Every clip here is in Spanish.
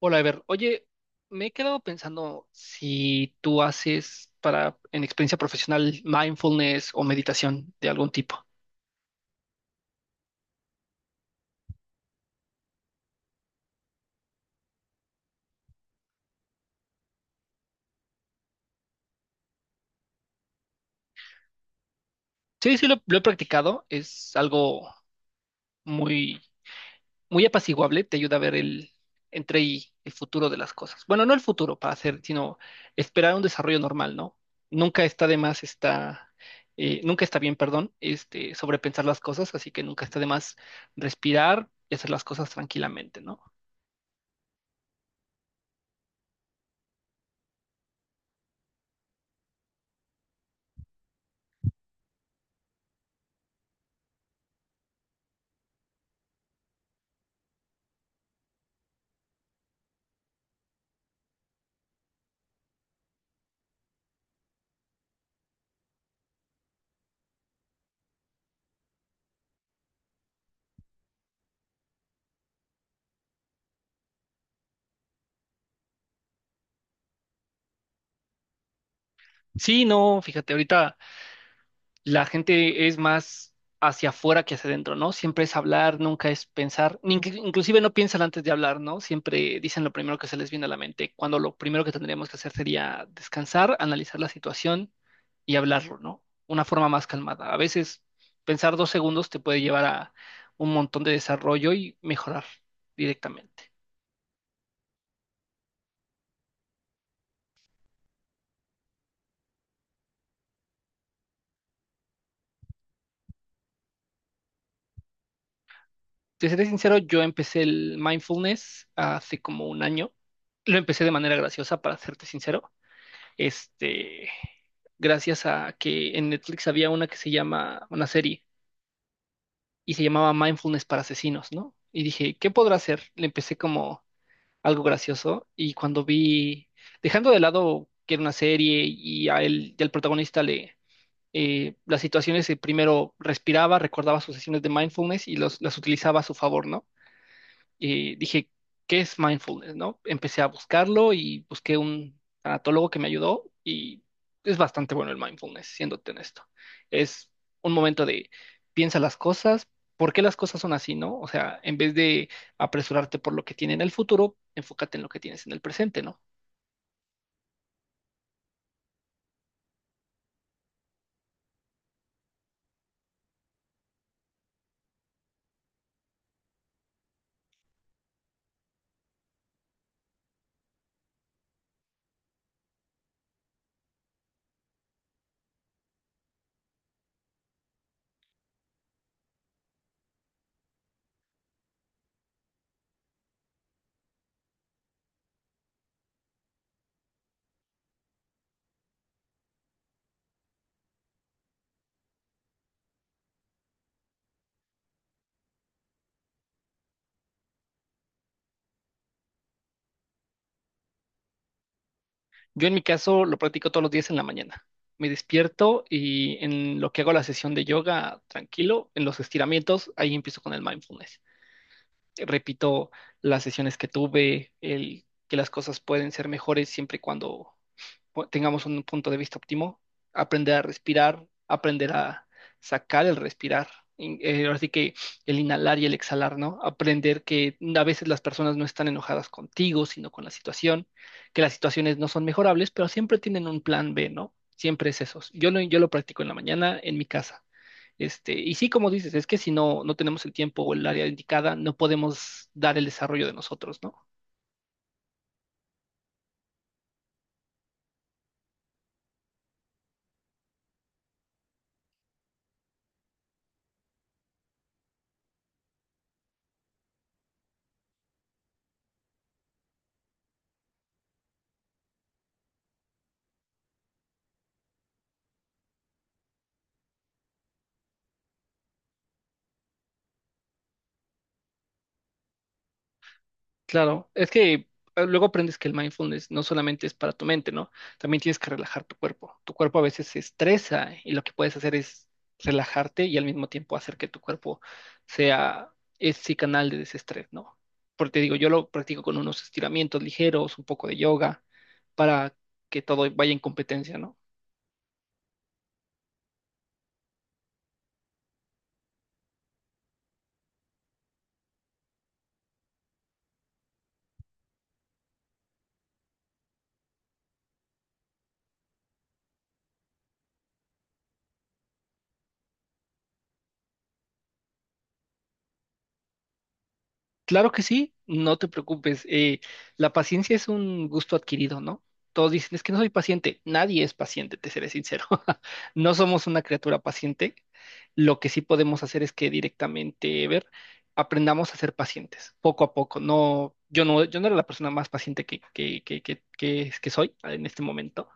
Hola, Ever. Oye, me he quedado pensando si tú haces en experiencia profesional, mindfulness o meditación de algún tipo. Sí, sí, lo he practicado. Es algo muy, muy apaciguable. Te ayuda a ver el entre y el futuro de las cosas. Bueno, no el futuro para hacer, sino esperar un desarrollo normal, ¿no? Nunca está de más, está, Nunca está bien, perdón, sobrepensar las cosas, así que nunca está de más respirar y hacer las cosas tranquilamente, ¿no? Sí, no, fíjate, ahorita la gente es más hacia afuera que hacia adentro, ¿no? Siempre es hablar, nunca es pensar, ni que- inclusive no piensan antes de hablar, ¿no? Siempre dicen lo primero que se les viene a la mente, cuando lo primero que tendríamos que hacer sería descansar, analizar la situación y hablarlo, ¿no? Una forma más calmada. A veces pensar dos segundos te puede llevar a un montón de desarrollo y mejorar directamente. Te seré sincero, yo empecé el mindfulness hace como un año. Lo empecé de manera graciosa, para serte sincero. este, Gracias a que en Netflix había una que se llama, una serie, y se llamaba Mindfulness para Asesinos, ¿no? Y dije, ¿qué podrá hacer? Le empecé como algo gracioso y cuando vi, dejando de lado que era una serie y a él, las situaciones, primero respiraba, recordaba sus sesiones de mindfulness y las utilizaba a su favor, ¿no? Dije, ¿qué es mindfulness, no? Empecé a buscarlo y busqué un tanatólogo que me ayudó y es bastante bueno el mindfulness, siéndote honesto. Es un momento de piensa las cosas, ¿por qué las cosas son así, no? O sea, en vez de apresurarte por lo que tiene en el futuro, enfócate en lo que tienes en el presente, ¿no? Yo en mi caso lo practico todos los días en la mañana. Me despierto y en lo que hago la sesión de yoga, tranquilo, en los estiramientos, ahí empiezo con el mindfulness. Repito las sesiones que tuve, el que las cosas pueden ser mejores siempre y cuando tengamos un punto de vista óptimo, aprender a respirar, aprender a sacar el respirar. Ahora sí que el inhalar y el exhalar, ¿no? Aprender que a veces las personas no están enojadas contigo, sino con la situación, que las situaciones no son mejorables, pero siempre tienen un plan B, ¿no? Siempre es eso. Yo lo practico en la mañana en mi casa. Este, y sí, como dices, es que si no, no tenemos el tiempo o el área indicada, no podemos dar el desarrollo de nosotros, ¿no? Claro, es que luego aprendes que el mindfulness no solamente es para tu mente, ¿no? También tienes que relajar tu cuerpo. Tu cuerpo a veces se estresa y lo que puedes hacer es relajarte y al mismo tiempo hacer que tu cuerpo sea ese canal de desestrés, ¿no? Porque te digo, yo lo practico con unos estiramientos ligeros, un poco de yoga, para que todo vaya en competencia, ¿no? Claro que sí, no te preocupes. La paciencia es un gusto adquirido, ¿no? Todos dicen, es que no soy paciente. Nadie es paciente, te seré sincero. No somos una criatura paciente. Lo que sí podemos hacer es que directamente, ver, aprendamos a ser pacientes, poco a poco. Yo no era la persona más paciente que, que soy en este momento,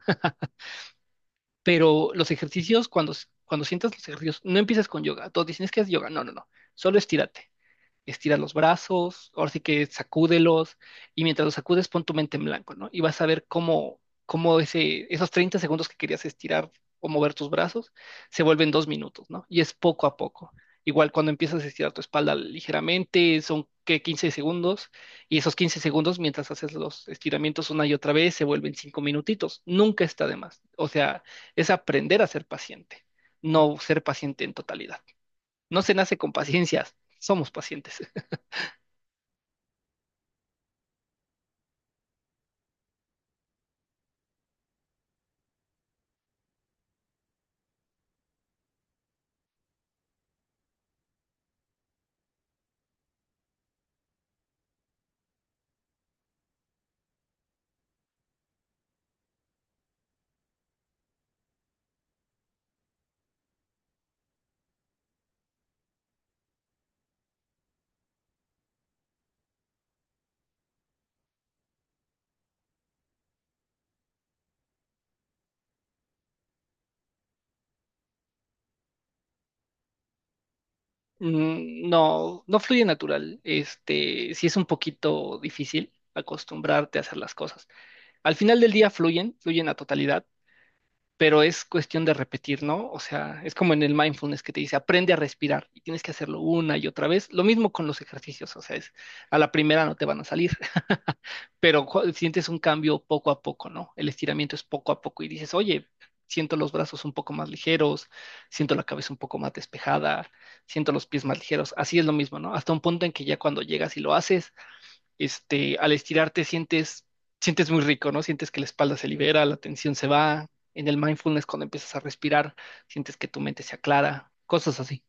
pero los ejercicios, cuando sientas los ejercicios, no empiezas con yoga. Todos dicen, es que es yoga. No, no, no. Solo estírate estira los brazos, ahora sí que sacúdelos, y mientras los sacudes pon tu mente en blanco, ¿no? Y vas a ver cómo esos 30 segundos que querías estirar o mover tus brazos se vuelven 2 minutos, ¿no? Y es poco a poco. Igual cuando empiezas a estirar tu espalda ligeramente, son que 15 segundos, y esos 15 segundos mientras haces los estiramientos una y otra vez se vuelven 5 minutitos. Nunca está de más. O sea, es aprender a ser paciente, no ser paciente en totalidad. No se nace con paciencias, somos pacientes. No, no fluye natural. Este, sí es un poquito difícil acostumbrarte a hacer las cosas. Al final del día fluyen, fluyen a totalidad, pero es cuestión de repetir, ¿no? O sea, es como en el mindfulness que te dice, aprende a respirar y tienes que hacerlo una y otra vez. Lo mismo con los ejercicios, o sea, es, a la primera no te van a salir, pero sientes un cambio poco a poco, ¿no? El estiramiento es poco a poco y dices, oye, siento los brazos un poco más ligeros, siento la cabeza un poco más despejada, siento los pies más ligeros. Así es lo mismo, ¿no? Hasta un punto en que ya cuando llegas y lo haces, al estirarte sientes muy rico, ¿no? Sientes que la espalda se libera, la tensión se va. En el mindfulness, cuando empiezas a respirar, sientes que tu mente se aclara, cosas así.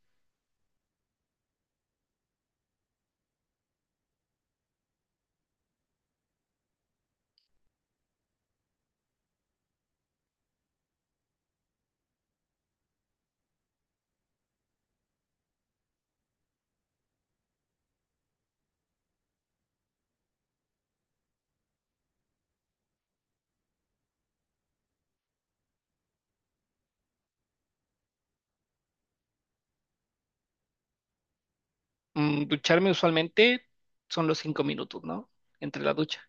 Ducharme usualmente son los 5 minutos, ¿no? Entre la ducha.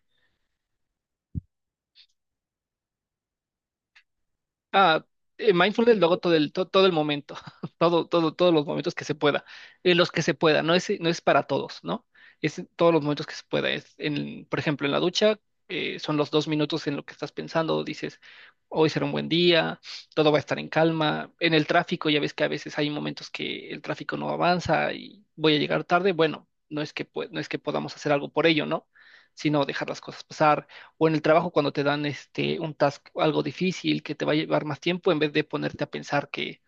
Ah, mindfulness luego todo el momento, todo, todo, todos los momentos que se pueda, en los que se pueda, no es, no es para todos, ¿no? Es en todos los momentos que se pueda. Es en, por ejemplo, en la ducha, son los 2 minutos en lo que estás pensando, dices, hoy será un buen día, todo va a estar en calma. En el tráfico, ya ves que a veces hay momentos que el tráfico no avanza y voy a llegar tarde, bueno, no es que, no es que podamos hacer algo por ello, ¿no? Sino dejar las cosas pasar o en el trabajo cuando te dan este un task algo difícil que te va a llevar más tiempo, en vez de ponerte a pensar que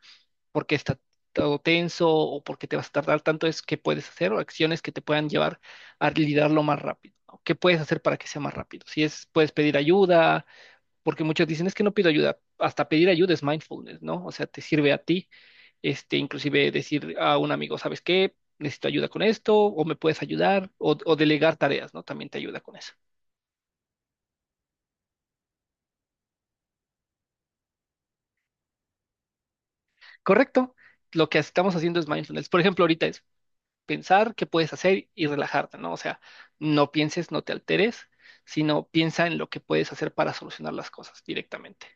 por qué está todo tenso o por qué te vas a tardar tanto, es qué puedes hacer o acciones que te puedan llevar a liderarlo más rápido. ¿No? ¿Qué puedes hacer para que sea más rápido? Si es, puedes pedir ayuda, porque muchos dicen es que no pido ayuda. Hasta pedir ayuda es mindfulness, ¿no? O sea, te sirve a ti, inclusive decir a un amigo, ¿sabes qué? Necesito ayuda con esto, o me puedes ayudar, o delegar tareas, ¿no? También te ayuda con eso. Correcto. Lo que estamos haciendo es mindfulness. Por ejemplo, ahorita es pensar qué puedes hacer y relajarte, ¿no? O sea, no pienses, no te alteres, sino piensa en lo que puedes hacer para solucionar las cosas directamente.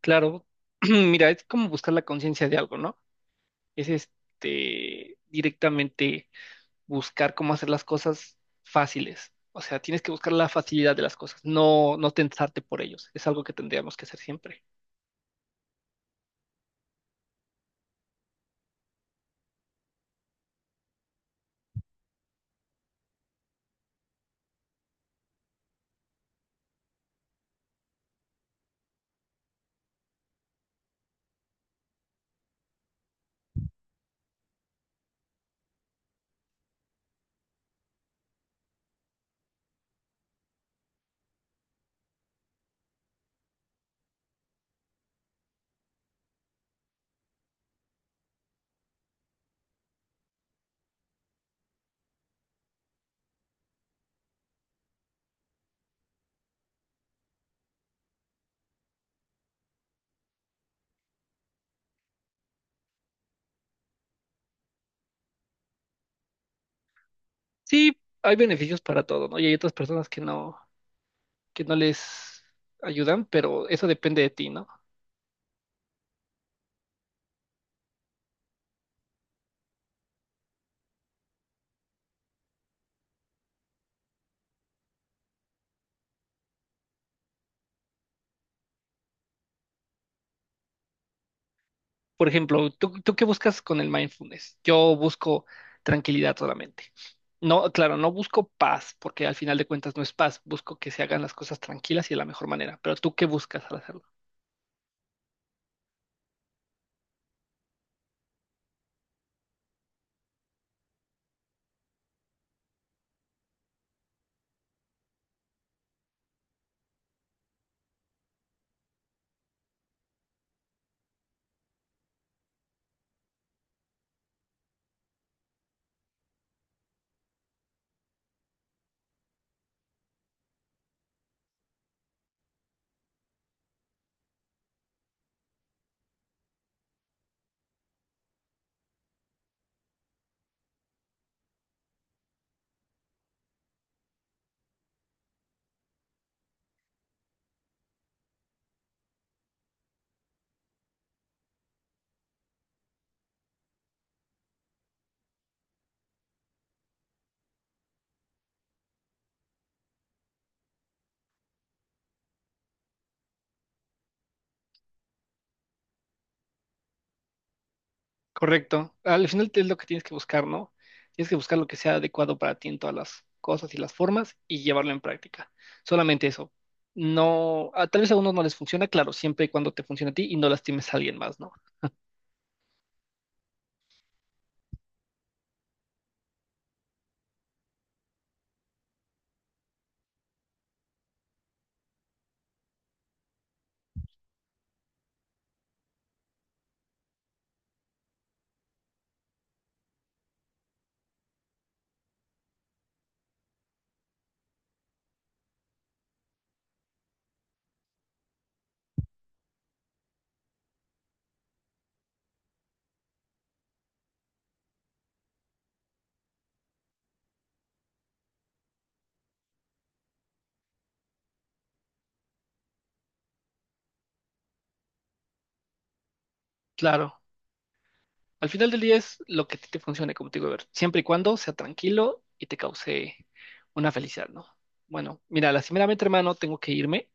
Claro, mira, es como buscar la conciencia de algo, ¿no? Es este directamente buscar cómo hacer las cosas fáciles. O sea, tienes que buscar la facilidad de las cosas, no, no tensarte por ellos. Es algo que tendríamos que hacer siempre. Sí, hay beneficios para todo, ¿no? Y hay otras personas que no les ayudan, pero eso depende de ti, ¿no? Por ejemplo, ¿tú qué buscas con el mindfulness? Yo busco tranquilidad solamente. No, claro, no busco paz, porque al final de cuentas no es paz, busco que se hagan las cosas tranquilas y de la mejor manera, pero ¿tú qué buscas al hacerlo? Correcto. Al final es lo que tienes que buscar, ¿no? Tienes que buscar lo que sea adecuado para ti en todas las cosas y las formas y llevarlo en práctica. Solamente eso. No, a- Tal vez a unos no les funciona, claro, siempre y cuando te funcione a ti y no lastimes a alguien más, ¿no? Claro. Al final del día es lo que a ti te funcione, como te digo, Ever, siempre y cuando sea tranquilo y te cause una felicidad, ¿no? Bueno, mira, lastimeramente, hermano, tengo que irme.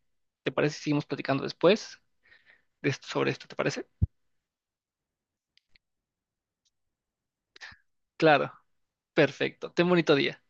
¿Te parece si seguimos platicando después sobre esto? ¿Te parece? Claro, perfecto. Ten bonito día.